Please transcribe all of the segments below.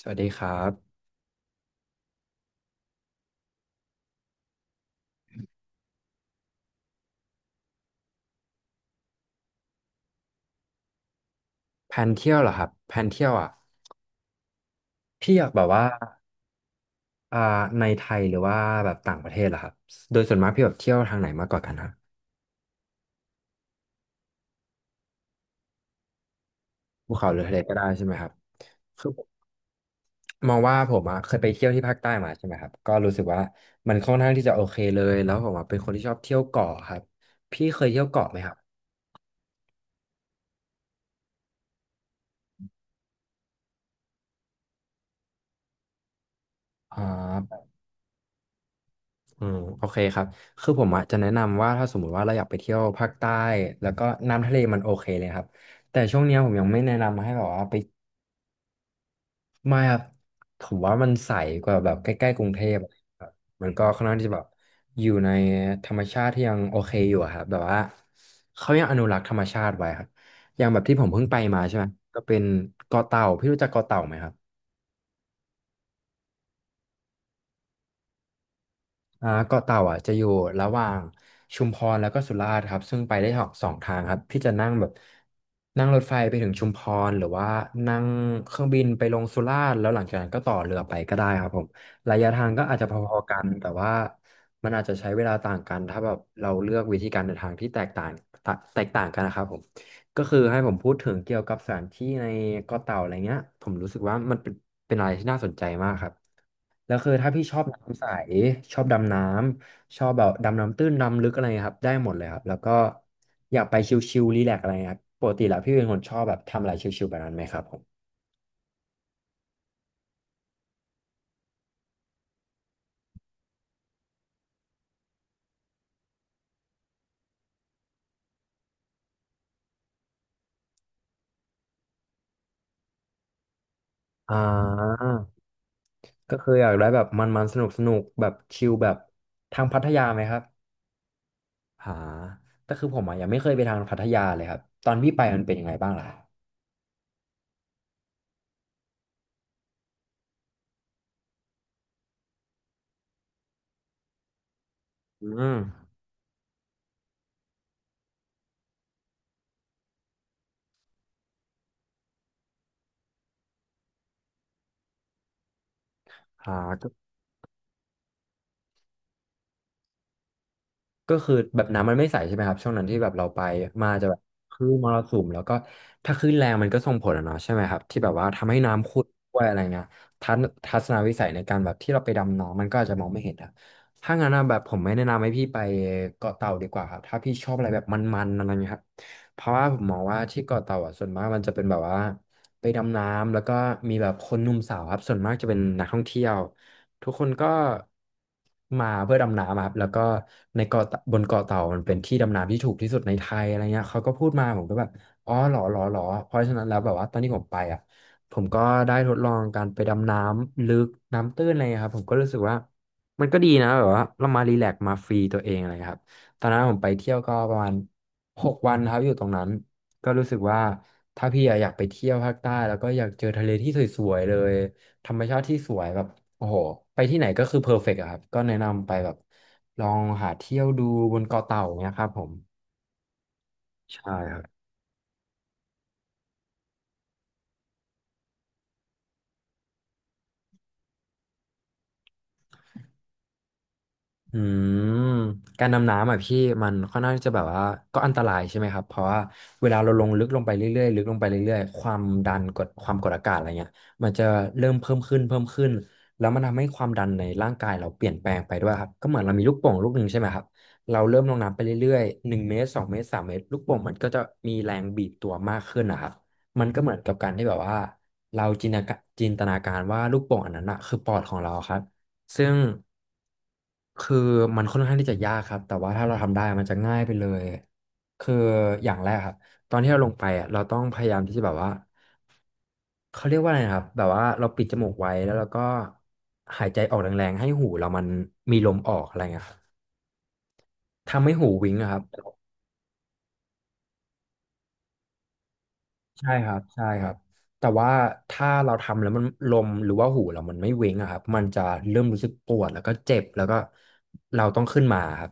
สวัสดีครับแผนเที่ยวเหรอครับแผนเที่ยวอ่ะพี่อยากแบบว่าอ่าในไทยหรือว่าแบบต่างประเทศเหรอครับโดยส่วนมากพี่แบบเที่ยวทางไหนมากกว่ากันครับภูเขาหรือทะเลก็ได้ใช่ไหมครับคือมองว่าผมอ่ะเคยไปเที่ยวที่ภาคใต้มาใช่ไหมครับก็รู้สึกว่ามันค่อนข้างที่จะโอเคเลยแล้วผมอ่ะเป็นคนที่ชอบเที่ยวเกาะครับพี่เคยเที่ยวเกาะไหมครับอ่าอืมโอเคครับคือผมอ่ะจะแนะนำว่าถ้าสมมุติว่าเราอยากไปเที่ยวภาคใต้แล้วก็น้ำทะเลมันโอเคเลยครับแต่ช่วงเนี้ยผมยังไม่แนะนำให้แบบว่าไป ไม่ครับผมว่ามันใสกว่าแบบใกล้ๆกรุงเทพอะไรครับมันก็ค่อนข้างที่จะแบบอยู่ในธรรมชาติที่ยังโอเคอยู่อะครับแบบว่าเขายังอนุรักษ์ธรรมชาติไว้ครับอย่างแบบที่ผมเพิ่งไปมาใช่ไหมก็เป็นเกาะเต่าพี่รู้จักเกาะเต่าไหมครับ อ่าเกาะเต่าอ่ะจะอยู่ระหว่างชุมพรแล้วก็สุราษฎร์ครับซึ่งไปได้สองทางครับพี่จะนั่งแบบนั่งรถไฟไปถึงชุมพรหรือว่านั่งเครื่องบินไปลงสุราษฎร์แล้วหลังจากนั้นก็ต่อเรือไปก็ได้ครับผมระยะทางก็อาจจะพอๆกันแต่ว่ามันอาจจะใช้เวลาต่างกันถ้าแบบเราเลือกวิธีการเดินทางที่แตกต่างกันนะครับผมก็คือให้ผมพูดถึงเกี่ยวกับสถานที่ในเกาะเต่าอะไรเงี้ยผมรู้สึกว่ามันเป็นอะไรที่น่าสนใจมากครับ แล้วคือถ้าพี่ชอบน้ำใสชอบดำน้ำชอบแบบดำน้ำตื้นดำลึกอะไรครับได้หมดเลยครับแล้วก็อยากไปชิลๆรีแลกซ์อะไรครับปกติแล้วพี่เป็นคนชอบแบบทำอะไรชิลๆแบบนั้นไหมครับผมอ่าก็คืออยากได้แบบมันๆสนุกๆแบบชิลแบบทางพัทยาไหมครับหาแต่คือผมอ่ะยังไม่เคยไปทางพัทยาเลยครับตอนพี่ไปมันเป็นยังไงบ้างล่ะอืมอ่า ก็คือแบบน้ำมันไม่ใสใช่ไหมครับช่วงนั้นที่แบบเราไปมาจะแบบคลื่นมรสุมแล้วก็ถ้าคลื่นแรงมันก็ส่งผลอะเนาะใช่ไหมครับที่แบบว่าทำให้น้ำขุ่นด้วยอะไรเงี้ยทัศนวิสัยในการแบบที่เราไปดำน้ำมันก็อาจจะมองไม่เห็นครับถ้างั้นนะแบบผมไม่แนะนำให้พี่ไปเกาะเต่าดีกว่าครับถ้าพี่ชอบอะไรแบบมันๆอะไรเงี้ยครับเพราะว่าผมมองว่าที่เกาะเต่าอ่ะส่วนมากมันจะเป็นแบบว่าไปดำน้ำแล้วก็มีแบบคนหนุ่มสาวครับส่วนมากจะเป็นนักท่องเที่ยว ทุกคนก็มาเพื่อดำน้ำอะครับแล้วก็ในเกาะบนเกาะเต่ามันเป็นที่ดำน้ำที่ถูกที่สุดในไทยอะไรเงี้ยเขาก็พูดมาผมก็แบบอ๋อเหรอเหรอเหรอเพราะฉะนั้นแล้วแบบว่าตอนที่ผมไปอ่ะผมก็ได้ทดลองการไปดำน้ำลึกน้ำตื้นอะไรครับผมก็รู้สึกว่ามันก็ดีนะแบบว่าเรามารีแลกซ์มาฟรีตัวเองอะไรครับตอนนั้นผมไปเที่ยวก็ประมาณ6 วันครับอยู่ตรงนั้นก็รู้สึกว่าถ้าพี่อะอยากไปเที่ยวภาคใต้แล้วก็อยากเจอทะเลที่สวยๆเลย ธรรมชาติที่สวยแบบโอ้โหไปที่ไหนก็คือเพอร์เฟกต์อะครับก็แนะนำไปแบบลองหาเที่ยวดูบนเกาะเต่าเนี้ยครับผมใช่ครับ อืมการดำน้ำอ่ะพี่มันค่อนข้างที่จะแบบว่าก็อันตรายใช่ไหมครับเพราะว่าเวลาเราลงลึกลงไปเรื่อยๆลึกลงไปเรื่อยๆความดันกดความกดอากาศอะไรเงี้ยมันจะเริ่มเพิ่มขึ้นเพิ่มขึ้นแล้วมันทำให้ความดันในร่างกายเราเปลี่ยนแปลงไปด้วยครับก็เหมือนเรามีลูกโป่งลูกหนึ่งใช่ไหมครับเราเริ่มลงน้ำไปเรื่อยๆ1 เมตร2 เมตร3 เมตรลูกโป่งมันก็จะมีแรงบีบตัวมากขึ้นนะครับมันก็เหมือนกับการที่แบบว่าเราจินตนาการว่าลูกโป่งอันนั้นอ่ะคือปอดของเราครับ ซึ่งคือมันค่อนข้างที่จะยากครับแต่ว่าถ้าเราทำได้มันจะง่ายไปเลยคืออย่างแรกครับตอนที่เราลงไปอ่ะเราต้องพยายามที่จะแบบว่าเขาเรียกว่าอะไรนะครับแบบว่าเราปิดจมูกไว้แล้วเราก็หายใจออกแรงๆให้หูเรามันมีลมออกอะไรเงี้ยครับทำให้หูวิงอะครับ ใช่ครับใช่ครับแต่ว่าถ้าเราทำแล้วมันลมหรือว่าหูเรามันไม่เว้งอะครับมันจะเริ่มรู้สึกปวดแล้วก็เจ็บแล้วก็เราต้องขึ้นมาครับ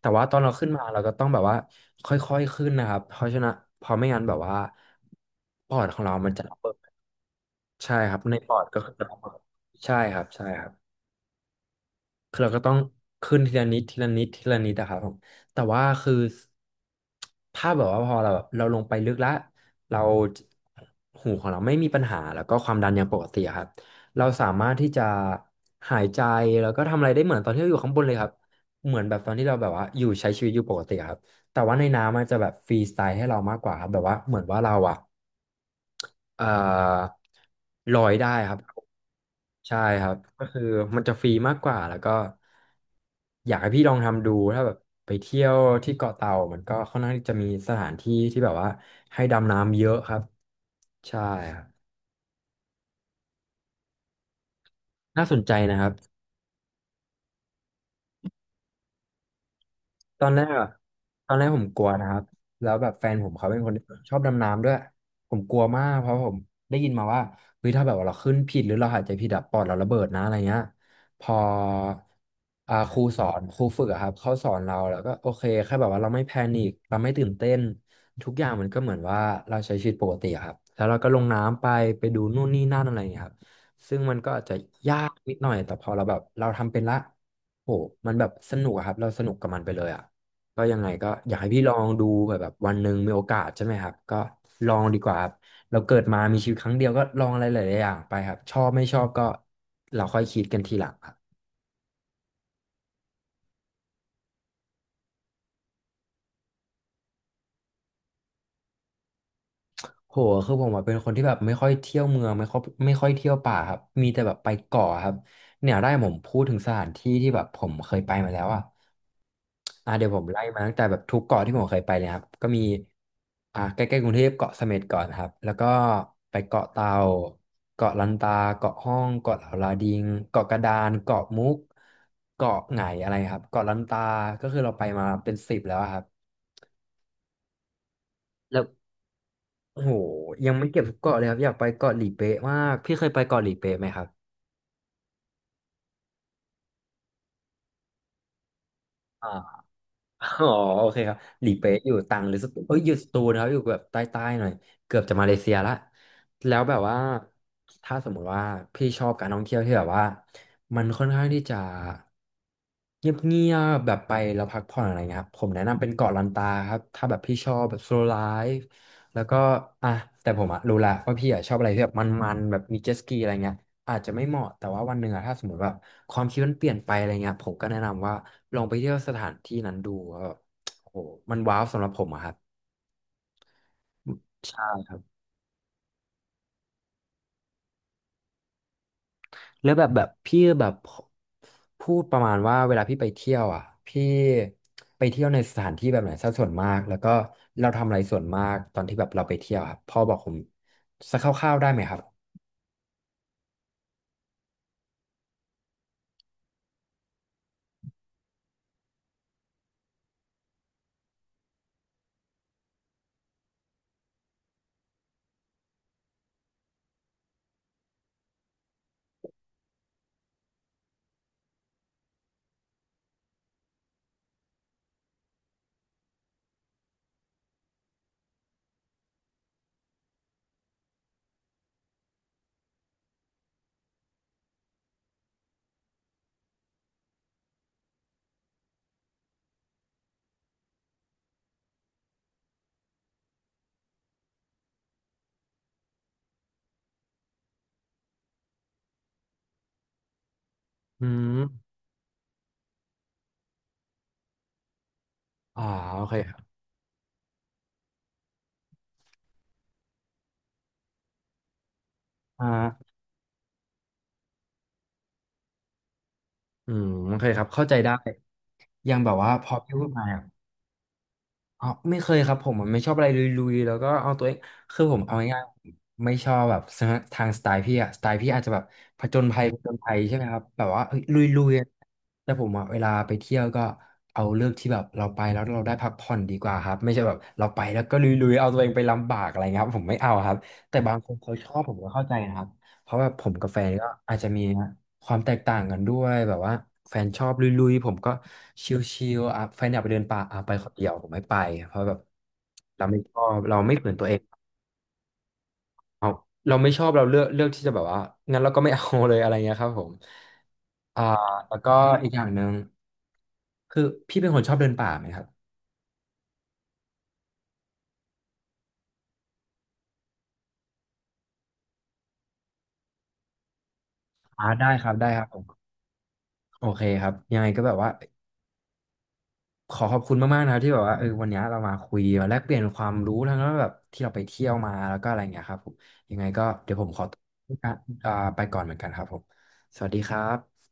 แต่ว่าตอนเราขึ้นมาเราก็ต้องแบบว่าค่อยๆขึ้นนะครับเพราะฉะนั้นเพอไม่งั้นแบบว่าปอดของเรามันจะระเบิดใช่ครับในปอดก็คือจะระเบิดใช่ครับใช่ครับ คือเราก็ต้องขึ้นทีละนิดทีละนิดทีละนิดอะครับผมแต่ว่าคือถ้าแบบว่าพอเราแบบเราลงไปลึกแล้วเราหูของเราไม่มีปัญหาแล้วก็ความดันยังปกติอะครับเราสามารถที่จะหายใจแล้วก็ทำอะไรได้เหมือนตอนที่เราอยู่ข้างบนเลยครับเหมือนแบบตอนที่เราแบบว่าอยู่ใช้ชีวิตอยู่ปกติอะครับแต่ว่าในน้ำมันจะแบบฟรีสไตล์ให้เรามากกว่าครับแบบว่าเหมือนว่าเราอะ เอ่อลอยได้ครับใช่ครับก็คือมันจะฟรีมากกว่าแล้วก็อยากให้พี่ลองทำดูถ้าแบบไปเที่ยวที่เกาะเต่ามันก็ค่อนข้างที่จะมีสถานที่ที่แบบว่าให้ดำน้ำเยอะครับใช่ครับน่าสนใจนะครับ ตอนแรกอะตอนแรกผมกลัวนะครับ แล้วแบบแฟนผมเขาเป็นคนที่ชอบดำน้ำด้วย ผมกลัวมากเพราะผมได้ยินมาว่าเฮ้ยถ้าแบบว่าเราขึ้นผิดหรือเราหายใจผิดอะปอดเราระเบิดนะอะไรเงี้ยพอครูสอนครูฝึกอะครับเขาสอนเราแล้วก็โอเคแค่แบบว่าเราไม่แพนิคเราไม่ตื่นเต้นทุกอย่างมันก็เหมือนว่าเราใช้ชีวิตปกติอะครับแล้วเราก็ลงน้ำไปไปดูนู่นนี่นั่นอะไรอย่างเงี้ยครับซึ่งมันก็อาจจะยากนิดหน่อยแต่พอเราแบบเราทำเป็นละ โหมันแบบสนุกอะครับเราสนุกกับมันไปเลยอ่ะก็ยังไงก็อยากให้พี่ลองดูแบบแบบวันหนึ่งมีโอกาสใช่ไหมครับก็ลองดีกว่าครับเราเกิดมามีชีวิตครั้งเดียวก็ลองอะไรหลายๆอย่างไปครับชอบไม่ชอบก็เราค่อยคิดกันทีหลังครับโหคือผมอะเป็นคนที่แบบไม่ค่อยเที่ยวเมืองไม่ค่อยเที่ยวป่าครับมีแต่แบบไปเกาะครับเนี่ยได้ผมพูดถึงสถานที่ที่แบบผมเคยไปมาแล้วอ่ะ เดี๋ยวผมไล่มาตั้งแต่แบบทุกเกาะที่ผมเคยไปเลยครับก็มีใกล้ๆกรุงเทพเกาะเสม็ดก่อนครับแล้วก็ไปเกาะเต่าเกาะลันตาเกาะห้องเกาะเหลาลาดิงเกาะกระดานเกาะมุกเกาะไหงอะไรครับเกาะลันตาก็คือเราไปมาเป็นสิบแล้วอะครับแล้วโอ้โหยังไม่เก็บทุกเกาะเลยครับอยากไปเกาะหลีเป๊ะมากพี่เคยไปเกาะหลีเป๊ะไหมครับอ่า อ๋อโอเคครับหลีเป๊ะอยู่ตรังหรือสตูเอ้ยอยู่สตูนะครับอยู่แบบใต้ๆหน่อยเกือบจะมาเลเซียละแล้วแบบว่าถ้าสมมุติว่าพี่ชอบการท่องเที่ยวที่แบบว่ามันค่อนข้างที่จะเงียบๆแบบไปแล้วพักผ่อนอะไรเงี้ยครับผมแนะนำเป็นเกาะลันตาครับถ้าแบบพี่ชอบแบบโซลไลฟ์แล้วก็อ่ะแต่ผมอะรู้ละว่าพี่อะชอบอะไรที่แบบมันๆแบบมีเจ็ตสกีอะไรเงี้ย อาจจะไม่เหมาะแต่ว่าวันหนึ่งอะถ้าสมมติแบบความคิดมันเปลี่ยนไปอะไรเงี้ยผมก็แนะนำว่าลองไปเที่ยวสถานที่นั้นดูว่าแบบโอ้โหมันว้าวสำหรับผมอะครับใช่ครับแล้วแบบแบบพี่แบบพูดประมาณว่าเวลาพี่ไปเที่ยวอ่ะพี่ไปเที่ยวในสถานที่แบบไหนซะส่วนมากแล้วก็เราทำอะไรส่วนมากตอนที่แบบเราไปเที่ยวครับพ่อบอกผมสักคร่าวๆได้ไหมครับอืมอ๋อโอเคครับอ่าอืมโอเคครับเข้าใจได้ยังแบบว่าพอพี่พูดมาเนี่ย อ๋อไม่เคยครับผมอะไม่ชอบอะไรลุยๆแล้วก็เอาตัวเองคือผมเอาง่ายๆไม่ชอบแบบทางสไตล์พี่อะสไตล์พี่อาจจะแบบผจญภัยใช่ไหมครับแบบว่าเอ้ยลุยๆอะแต่ผมอะเวลาไปเที่ยวก็เอาเลือกที่แบบเราไปแล้วเราได้พักผ่อนดีกว่าครับไม่ใช่แบบเราไปแล้วก็ลุยๆเอาตัวเองไปลำบากอะไรเงี้ยครับผมไม่เอาครับแต่บางคนเขาชอบผมก็เข้าใจนะครับ เพราะแบบผมกับแฟนก็อาจจะมีความแตกต่างกันด้วยแบบว่าแฟนชอบลุยๆผมก็ชิลๆอ่ะแฟนอยากไปเดินป่าอ่ะไปคนเดียวผมไม่ไปเพราะแบบเราไม่ชอบเราไม่เหมือนตัวเองเราเราไม่ชอบเราเลือกที่จะแบบว่างั้นเราก็ไม่เอาเลยอะไรเงี้ยครับผมอ่าแล้วก็อีกอย่างหนึ่งคือพี่เป็นคนชอบเดินป่าไหมครับได้ครับได้ครับผมโอเคครับยังไงก็แบบว่า ขอขอบคุณมากๆนะครับที่แบบว่าเออวันนี้เรามาคุยมาแลกเปลี่ยนความรู้ทั้งแบบที่เราไปเที่ยวมาแล้วก็อะไรอย่างเงี้ยครับผมอ่ะไปก่อนเหมือนกันครับผมสวัสดีครับ